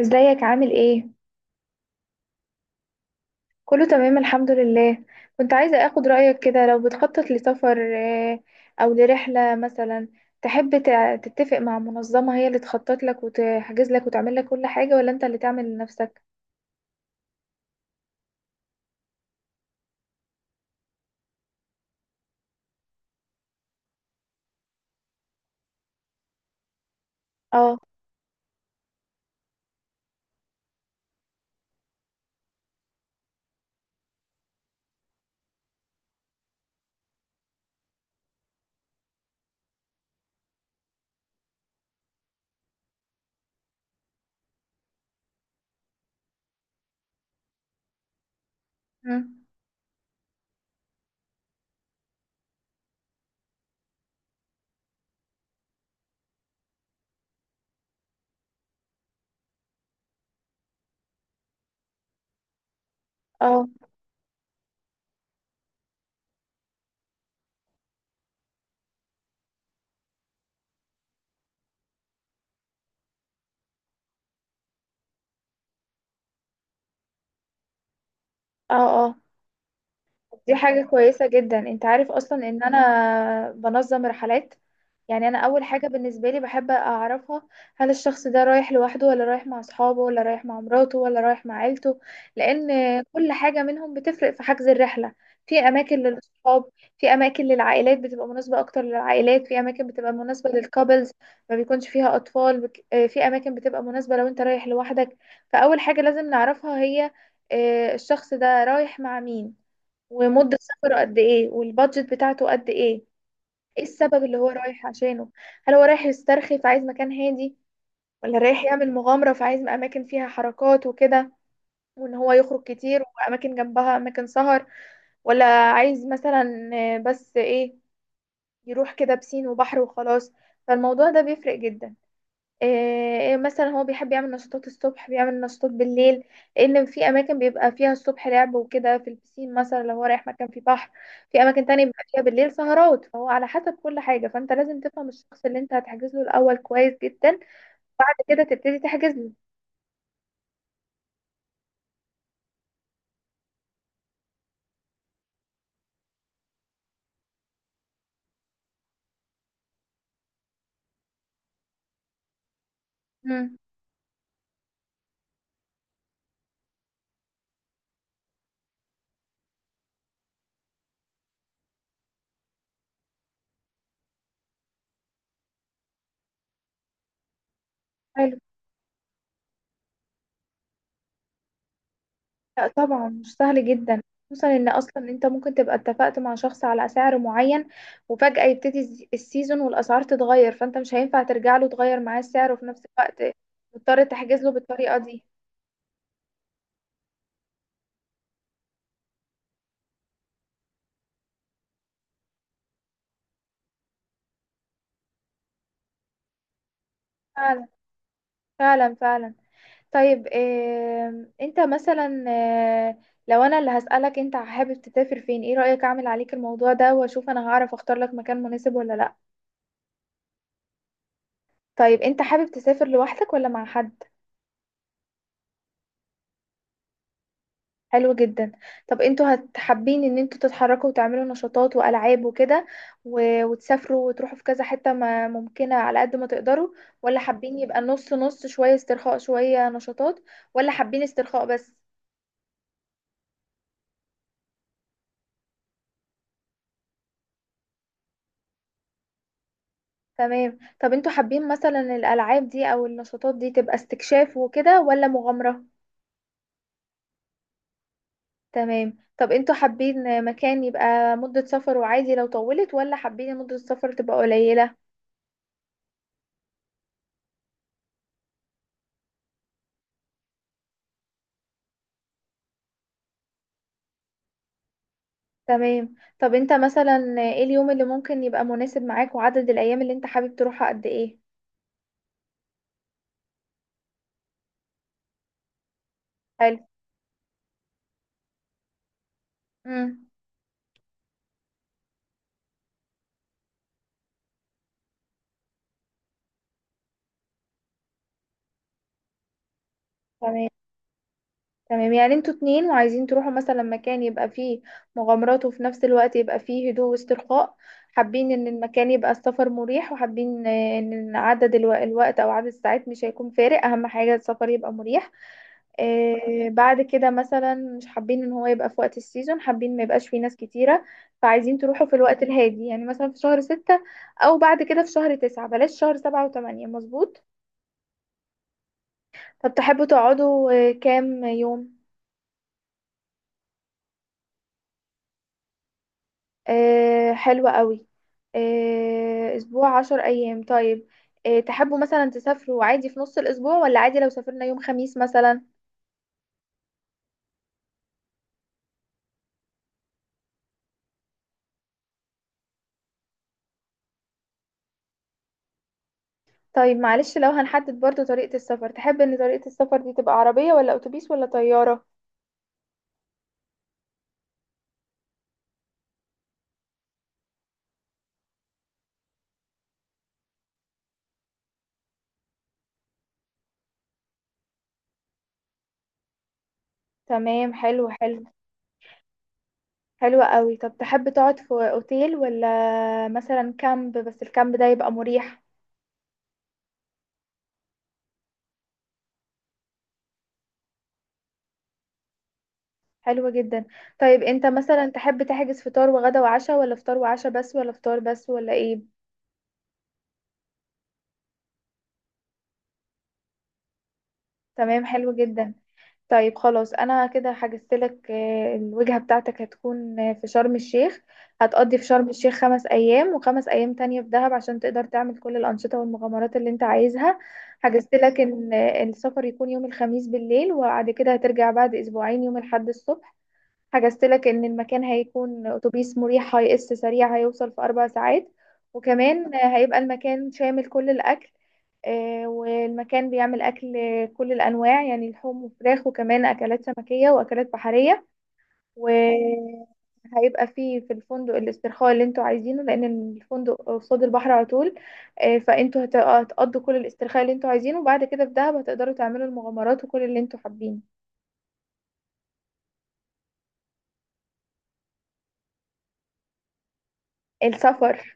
ازيك عامل ايه؟ كله تمام الحمد لله. كنت عايزة اخد رأيك كده، لو بتخطط لسفر او لرحلة مثلا، تحب تتفق مع منظمة هي اللي تخطط لك وتحجز لك وتعمل لك كل حاجة، ولا انت اللي تعمل لنفسك؟ اه. مم. اه اه اه. دي حاجة كويسة جدا، انت عارف اصلا ان انا بنظم رحلات. يعني انا اول حاجة بالنسبة لي بحب اعرفها، هل الشخص ده رايح لوحده، ولا رايح مع اصحابه، ولا رايح مع مراته، ولا رايح مع عيلته؟ لان كل حاجة منهم بتفرق في حجز الرحلة. في اماكن للاصحاب، في اماكن للعائلات بتبقى مناسبة اكتر للعائلات، في اماكن بتبقى مناسبة للكابلز ما بيكونش فيها اطفال، في اماكن بتبقى مناسبة لو انت رايح لوحدك. فاول حاجة لازم نعرفها هي الشخص ده رايح مع مين، ومدة سفره قد ايه، والبادجت بتاعته قد ايه. ايه السبب اللي هو رايح عشانه؟ هل هو رايح يسترخي فعايز مكان هادي، ولا رايح يعمل مغامرة فعايز أماكن فيها حركات وكده، وإن هو يخرج كتير وأماكن جنبها أماكن سهر، ولا عايز مثلا بس إيه، يروح كده بسين وبحر وخلاص. فالموضوع ده بيفرق جدا. إيه مثلا، هو بيحب يعمل نشاطات الصبح، بيعمل نشاطات بالليل؟ لان في اماكن بيبقى فيها الصبح لعب وكده في البسين مثلا، لو هو رايح مكان فيه بحر. في اماكن تانية بيبقى فيها بالليل سهرات، فهو على حسب كل حاجة. فانت لازم تفهم الشخص اللي انت هتحجز له الاول كويس جدا، بعد كده تبتدي تحجز له. مم. حلو. لا طبعا مش سهل جدا، خصوصا ان اصلا انت ممكن تبقى اتفقت مع شخص على سعر معين، وفجأة يبتدي السيزون والاسعار تتغير، فانت مش هينفع ترجع له تغير معاه السعر، وفي نفس الوقت مضطر تحجز له بالطريقة دي. فعلا. فعلا فعلا. طيب إيه انت مثلا، لو انا اللي هسألك، انت حابب تسافر فين؟ ايه رأيك اعمل عليك الموضوع ده واشوف انا هعرف اختار لك مكان مناسب ولا لا؟ طيب انت حابب تسافر لوحدك ولا مع حد؟ حلو جدا. طب انتوا هتحبين ان انتوا تتحركوا وتعملوا نشاطات والعاب وكده، وتسافروا وتروحوا في كذا حتة ما ممكنة على قد ما تقدروا، ولا حابين يبقى نص نص، شوية استرخاء شوية نشاطات، ولا حابين استرخاء بس؟ تمام. طب انتوا حابين مثلا الالعاب دي او النشاطات دي تبقى استكشاف وكده ولا مغامرة؟ تمام. طب انتوا حابين مكان يبقى مدة سفر وعادي لو طولت، ولا حابين مدة السفر تبقى قليلة؟ تمام. طب انت مثلا ايه اليوم اللي ممكن يبقى مناسب معاك، وعدد الايام اللي انت حابب تروحها قد ايه؟ حلو. امم. تمام. تمام، يعني انتوا اتنين وعايزين تروحوا مثلا مكان يبقى فيه مغامرات، وفي نفس الوقت يبقى فيه هدوء واسترخاء. حابين ان المكان يبقى السفر مريح، وحابين ان عدد الوقت او عدد الساعات مش هيكون فارق، اهم حاجة السفر يبقى مريح. بعد كده مثلا مش حابين ان هو يبقى في وقت السيزون، حابين ما يبقاش فيه ناس كتيرة. فعايزين تروحوا في الوقت الهادي، يعني مثلا في شهر ستة او بعد كده في شهر تسعة، بلاش شهر سبعة وثمانية. مظبوط. طب تحبوا تقعدوا كام يوم؟ حلوة قوي. اسبوع 10 ايام، طيب. تحبوا مثلا تسافروا عادي في نص الاسبوع، ولا عادي لو سافرنا يوم خميس مثلا؟ طيب معلش، لو هنحدد برضو طريقة السفر، تحب ان طريقة السفر دي تبقى عربية ولا اتوبيس ولا طيارة؟ تمام. حلو حلو. حلو قوي. طب تحب تقعد في اوتيل، ولا مثلا كامب بس الكامب ده يبقى مريح؟ حلو جدا. طيب انت مثلا تحب تحجز فطار وغدا وعشاء، ولا فطار وعشاء بس، ولا فطار بس، ولا ايه؟ تمام. حلو جدا. طيب خلاص، انا كده حجزت لك، الوجهة بتاعتك هتكون في شرم الشيخ. هتقضي في شرم الشيخ 5 ايام، وخمس ايام تانية في دهب، عشان تقدر تعمل كل الانشطة والمغامرات اللي انت عايزها. حجزت لك ان السفر يكون يوم الخميس بالليل، وبعد كده هترجع بعد اسبوعين يوم الاحد الصبح. حجزت لك ان المكان هيكون اتوبيس مريح، هيقص سريع، هيوصل في 4 ساعات، وكمان هيبقى المكان شامل كل الاكل. والمكان بيعمل اكل كل الانواع، يعني لحوم وفراخ، وكمان اكلات سمكيه واكلات بحريه. وهيبقى فيه في الفندق الاسترخاء اللي انتوا عايزينه، لان الفندق قصاد البحر على طول. فانتوا هتقضوا كل الاسترخاء اللي انتوا عايزينه، وبعد كده في دهب هتقدروا تعملوا المغامرات وكل اللي انتوا حابين. السفر.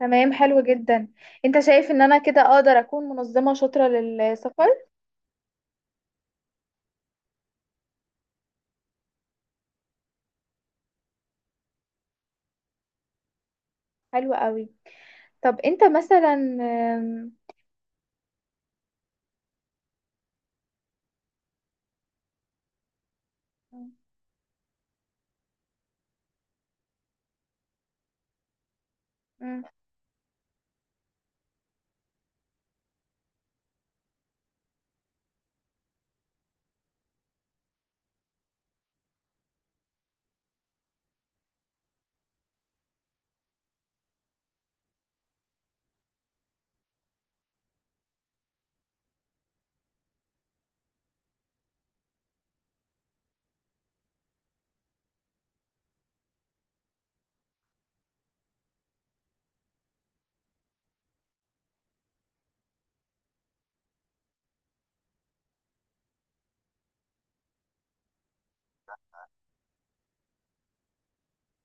تمام. حلو جدا. انت شايف ان انا كده اقدر اكون منظمة شاطرة للسفر؟ حلو قوي. طب انت مثلا أم،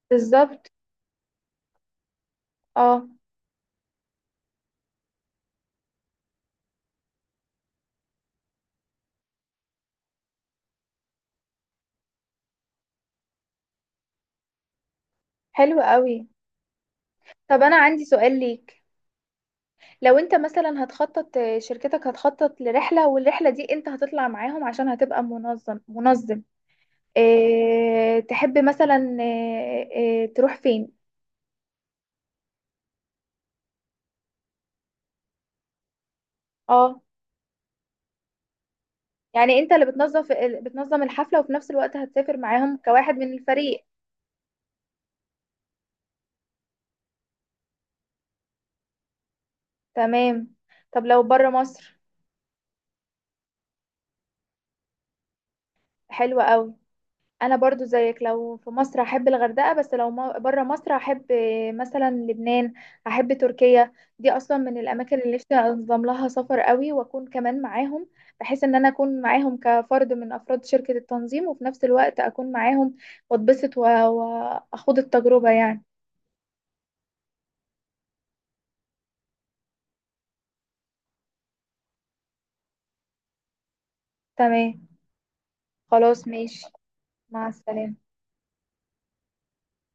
بالظبط. اه. حلو قوي. طب انا عندي سؤال ليك، لو انت مثلا هتخطط، شركتك هتخطط لرحلة، والرحلة دي انت هتطلع معاهم عشان هتبقى منظم. اه تحب مثلا، اه تروح فين؟ اه. يعني انت اللي بتنظم، بتنظم الحفلة، وفي نفس الوقت هتسافر معاهم كواحد من الفريق؟ تمام. طب لو بره مصر؟ حلوة قوي. انا برضو زيك، لو في مصر احب الغردقة، بس لو بره مصر احب مثلا لبنان، احب تركيا. دي اصلا من الاماكن اللي نفسي انظم لها سفر قوي، واكون كمان معاهم، بحيث ان انا اكون معاهم كفرد من افراد شركة التنظيم، وفي نفس الوقت اكون معاهم واتبسط واخوض التجربة يعني. تمام. خلاص ماشي. مع السلامة.